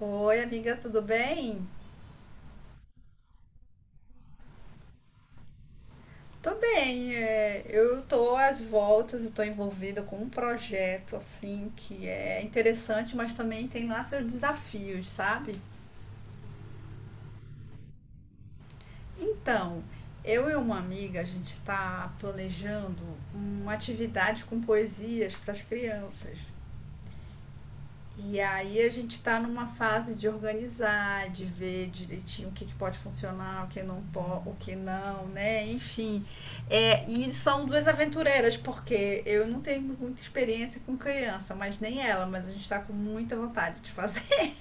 Oi, amiga, tudo bem? Tô bem, eu tô às voltas e tô envolvida com um projeto assim que é interessante, mas também tem lá seus desafios, sabe? Então, eu e uma amiga, a gente tá planejando uma atividade com poesias para as crianças. E aí a gente está numa fase de organizar, de ver direitinho o que pode funcionar, o que não pode, o que não, né? Enfim. É, e são duas aventureiras, porque eu não tenho muita experiência com criança, mas nem ela, mas a gente está com muita vontade de fazer.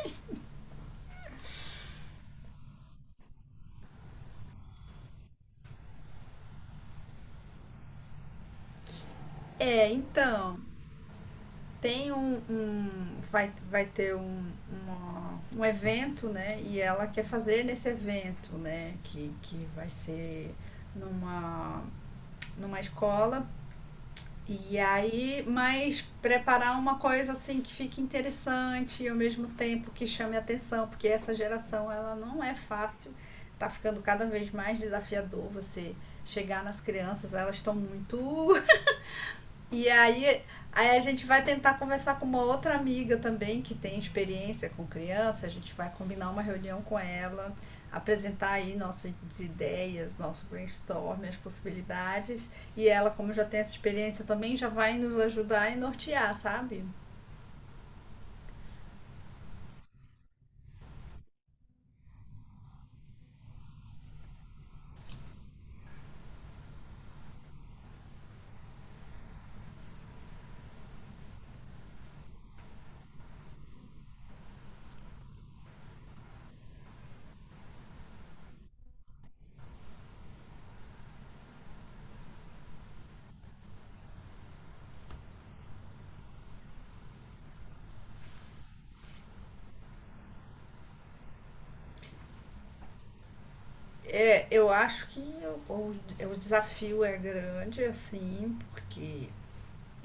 É, então, tem um. Um vai, vai ter um, uma, um evento, né? E ela quer fazer nesse evento, né? Que vai ser numa, numa escola. E aí, mas preparar uma coisa assim que fique interessante e ao mesmo tempo que chame atenção, porque essa geração ela não é fácil, tá ficando cada vez mais desafiador você chegar nas crianças, elas estão muito e aí, aí a gente vai tentar conversar com uma outra amiga também que tem experiência com criança, a gente vai combinar uma reunião com ela, apresentar aí nossas ideias, nosso brainstorm, as possibilidades, e ela, como já tem essa experiência também, já vai nos ajudar e nortear, sabe? É, eu acho que o, o, o desafio é grande, assim, porque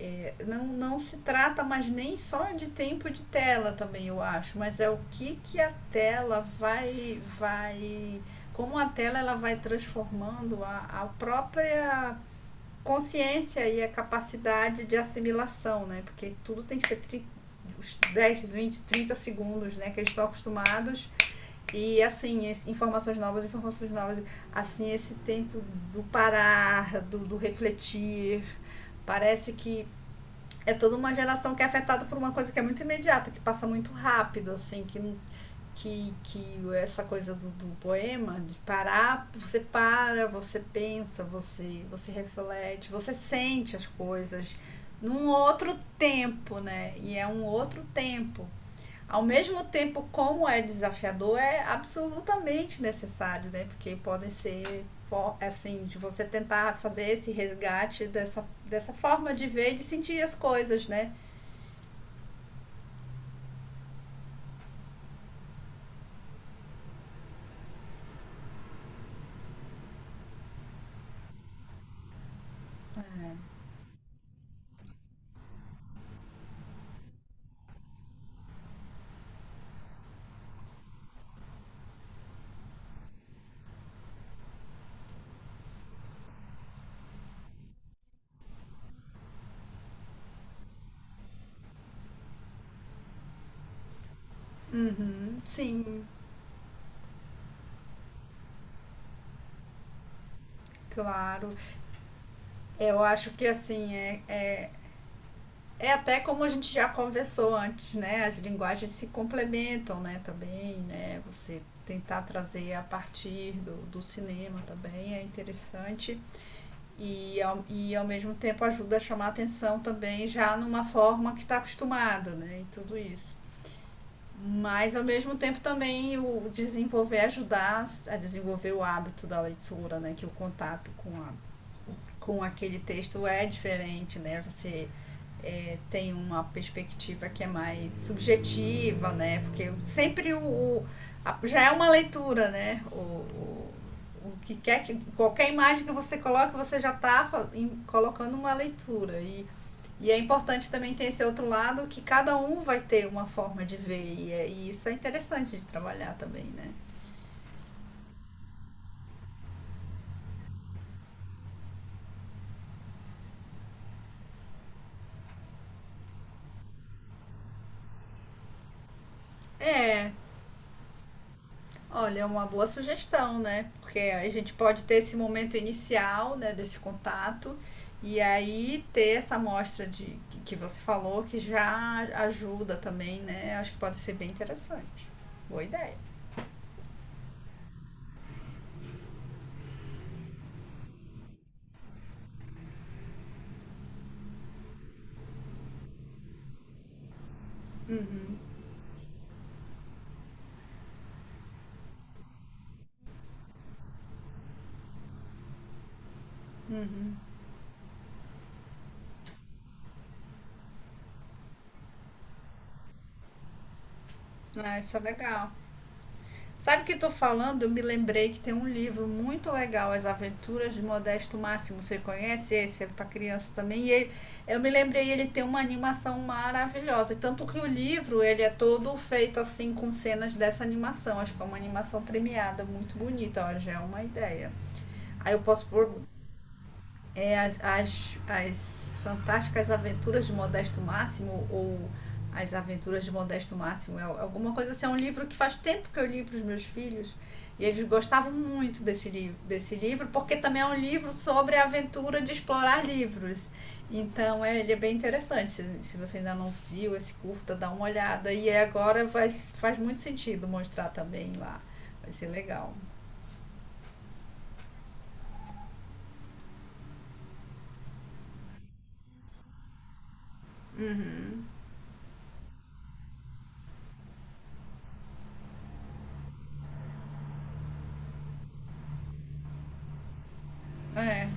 é, não se trata mais nem só de tempo de tela também, eu acho, mas é o que a tela vai como a tela ela vai transformando a própria consciência e a capacidade de assimilação, né? Porque tudo tem que ser tri, os 10, segundos, né? Que eles estão acostumados. E assim, esse, informações novas, informações novas. Assim, esse tempo do parar, do refletir, parece que é toda uma geração que é afetada por uma coisa que é muito imediata, que passa muito rápido, assim, que essa coisa do poema, de parar, você para, você pensa, você reflete, você sente as coisas num outro tempo, né? E é um outro tempo. Ao mesmo tempo, como é desafiador, é absolutamente necessário, né? Porque podem ser assim, de você tentar fazer esse resgate dessa forma de ver e de sentir as coisas, né? Sim, claro. Eu acho que assim, é até como a gente já conversou antes, né? As linguagens se complementam, né, também, né? Você tentar trazer a partir do cinema também é interessante e ao mesmo tempo ajuda a chamar atenção também já numa forma que está acostumada, né? E tudo isso. Mas ao mesmo tempo também o desenvolver, ajudar a desenvolver o hábito da leitura, né? Que é o contato com a com aquele texto é diferente, né? Você é, tem uma perspectiva que é mais subjetiva, né? Porque sempre o já é uma leitura, né? O que quer que qualquer imagem que você coloca, você já está colocando uma leitura e é importante também ter esse outro lado que cada um vai ter uma forma de ver e, e isso é interessante de trabalhar também, né? É, olha, é uma boa sugestão, né? Porque a gente pode ter esse momento inicial, né, desse contato, e aí ter essa amostra de, que você falou, que já ajuda também, né? Acho que pode ser bem interessante. Boa ideia. Ah, isso é legal. Sabe o que estou falando? Eu me lembrei que tem um livro muito legal, As Aventuras de Modesto Máximo. Você conhece esse? É para criança também. E ele, eu me lembrei, ele tem uma animação maravilhosa. Tanto que o livro, ele é todo feito assim com cenas dessa animação. Acho que é uma animação premiada, muito bonita. Olha, já é uma ideia. Aí eu posso pôr é, as Fantásticas Aventuras de Modesto Máximo ou As Aventuras de Modesto Máximo, é alguma coisa assim, é um livro que faz tempo que eu li para os meus filhos e eles gostavam muito desse livro, porque também é um livro sobre a aventura de explorar livros. Então é, ele é bem interessante. Se você ainda não viu esse curta, dá uma olhada. E agora vai, faz muito sentido mostrar também lá. Vai ser legal. É.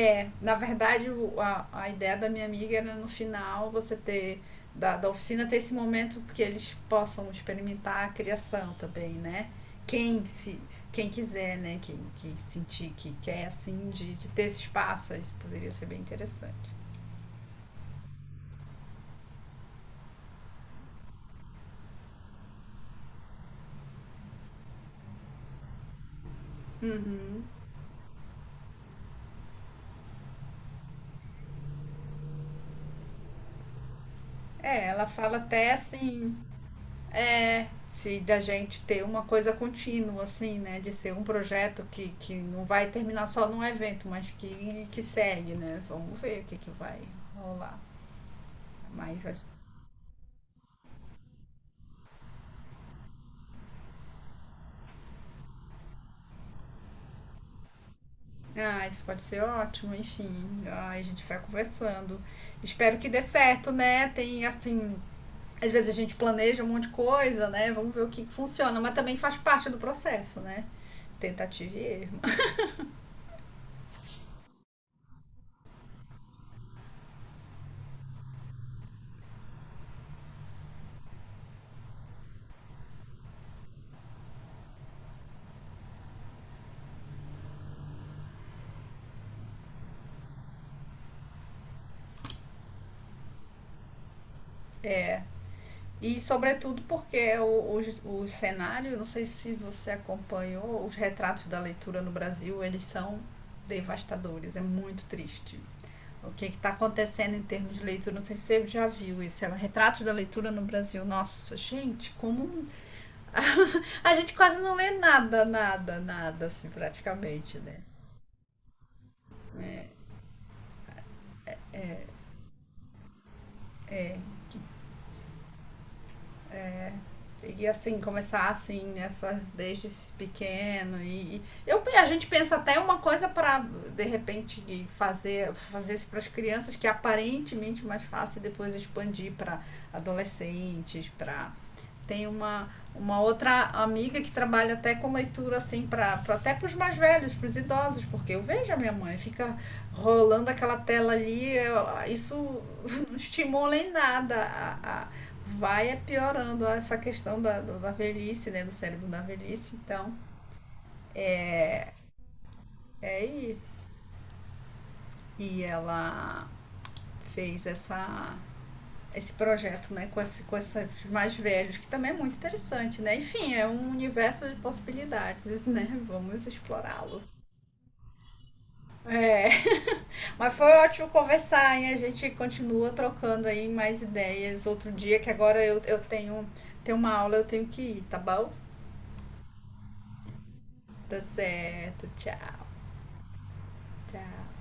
É, na verdade, a ideia da minha amiga era no final você ter, da oficina, ter esse momento que eles possam experimentar a criação também, né? Quem se, quem quiser, né? Quem sentir que quer, assim, de ter esse espaço, isso poderia ser bem interessante. Uhum. É, ela fala até assim, é, se da gente ter uma coisa contínua, assim, né? De ser um projeto que não vai terminar só num evento, mas que segue, né? Vamos ver que vai rolar. Mas vai ser ah, isso pode ser ótimo, enfim. Ah, a gente vai conversando. Espero que dê certo, né? Tem assim. Às vezes a gente planeja um monte de coisa, né? Vamos ver o que que funciona, mas também faz parte do processo, né? Tentativa e erro. E sobretudo porque o cenário, não sei se você acompanhou, os retratos da leitura no Brasil, eles são devastadores, é muito triste. O que está acontecendo em termos de leitura, não sei se você já viu isso, é um retrato da leitura no Brasil. Nossa, gente, como. A gente quase não lê nada, nada, nada, assim, praticamente, né? É, é, e assim, começar assim, nessa, desde pequeno. E eu, a gente pensa até uma coisa para, de repente, fazer isso para as crianças, que é aparentemente mais fácil depois expandir para adolescentes, para tem uma outra amiga que trabalha até com leitura assim até para os mais velhos, para os idosos, porque eu vejo a minha mãe fica rolando aquela tela ali, eu, isso não estimula em nada. Vai é piorando essa questão da velhice, né, do cérebro da velhice, então é isso. E ela fez essa esse projeto, né, com, esse, com esses mais velhos, que também é muito interessante, né? Enfim, é um universo de possibilidades, né? Vamos explorá-lo. É, mas foi ótimo conversar, hein? A gente continua trocando aí mais ideias outro dia, que agora eu tenho, tenho uma aula, eu tenho que ir, tá bom? Tá certo, tchau, tchau.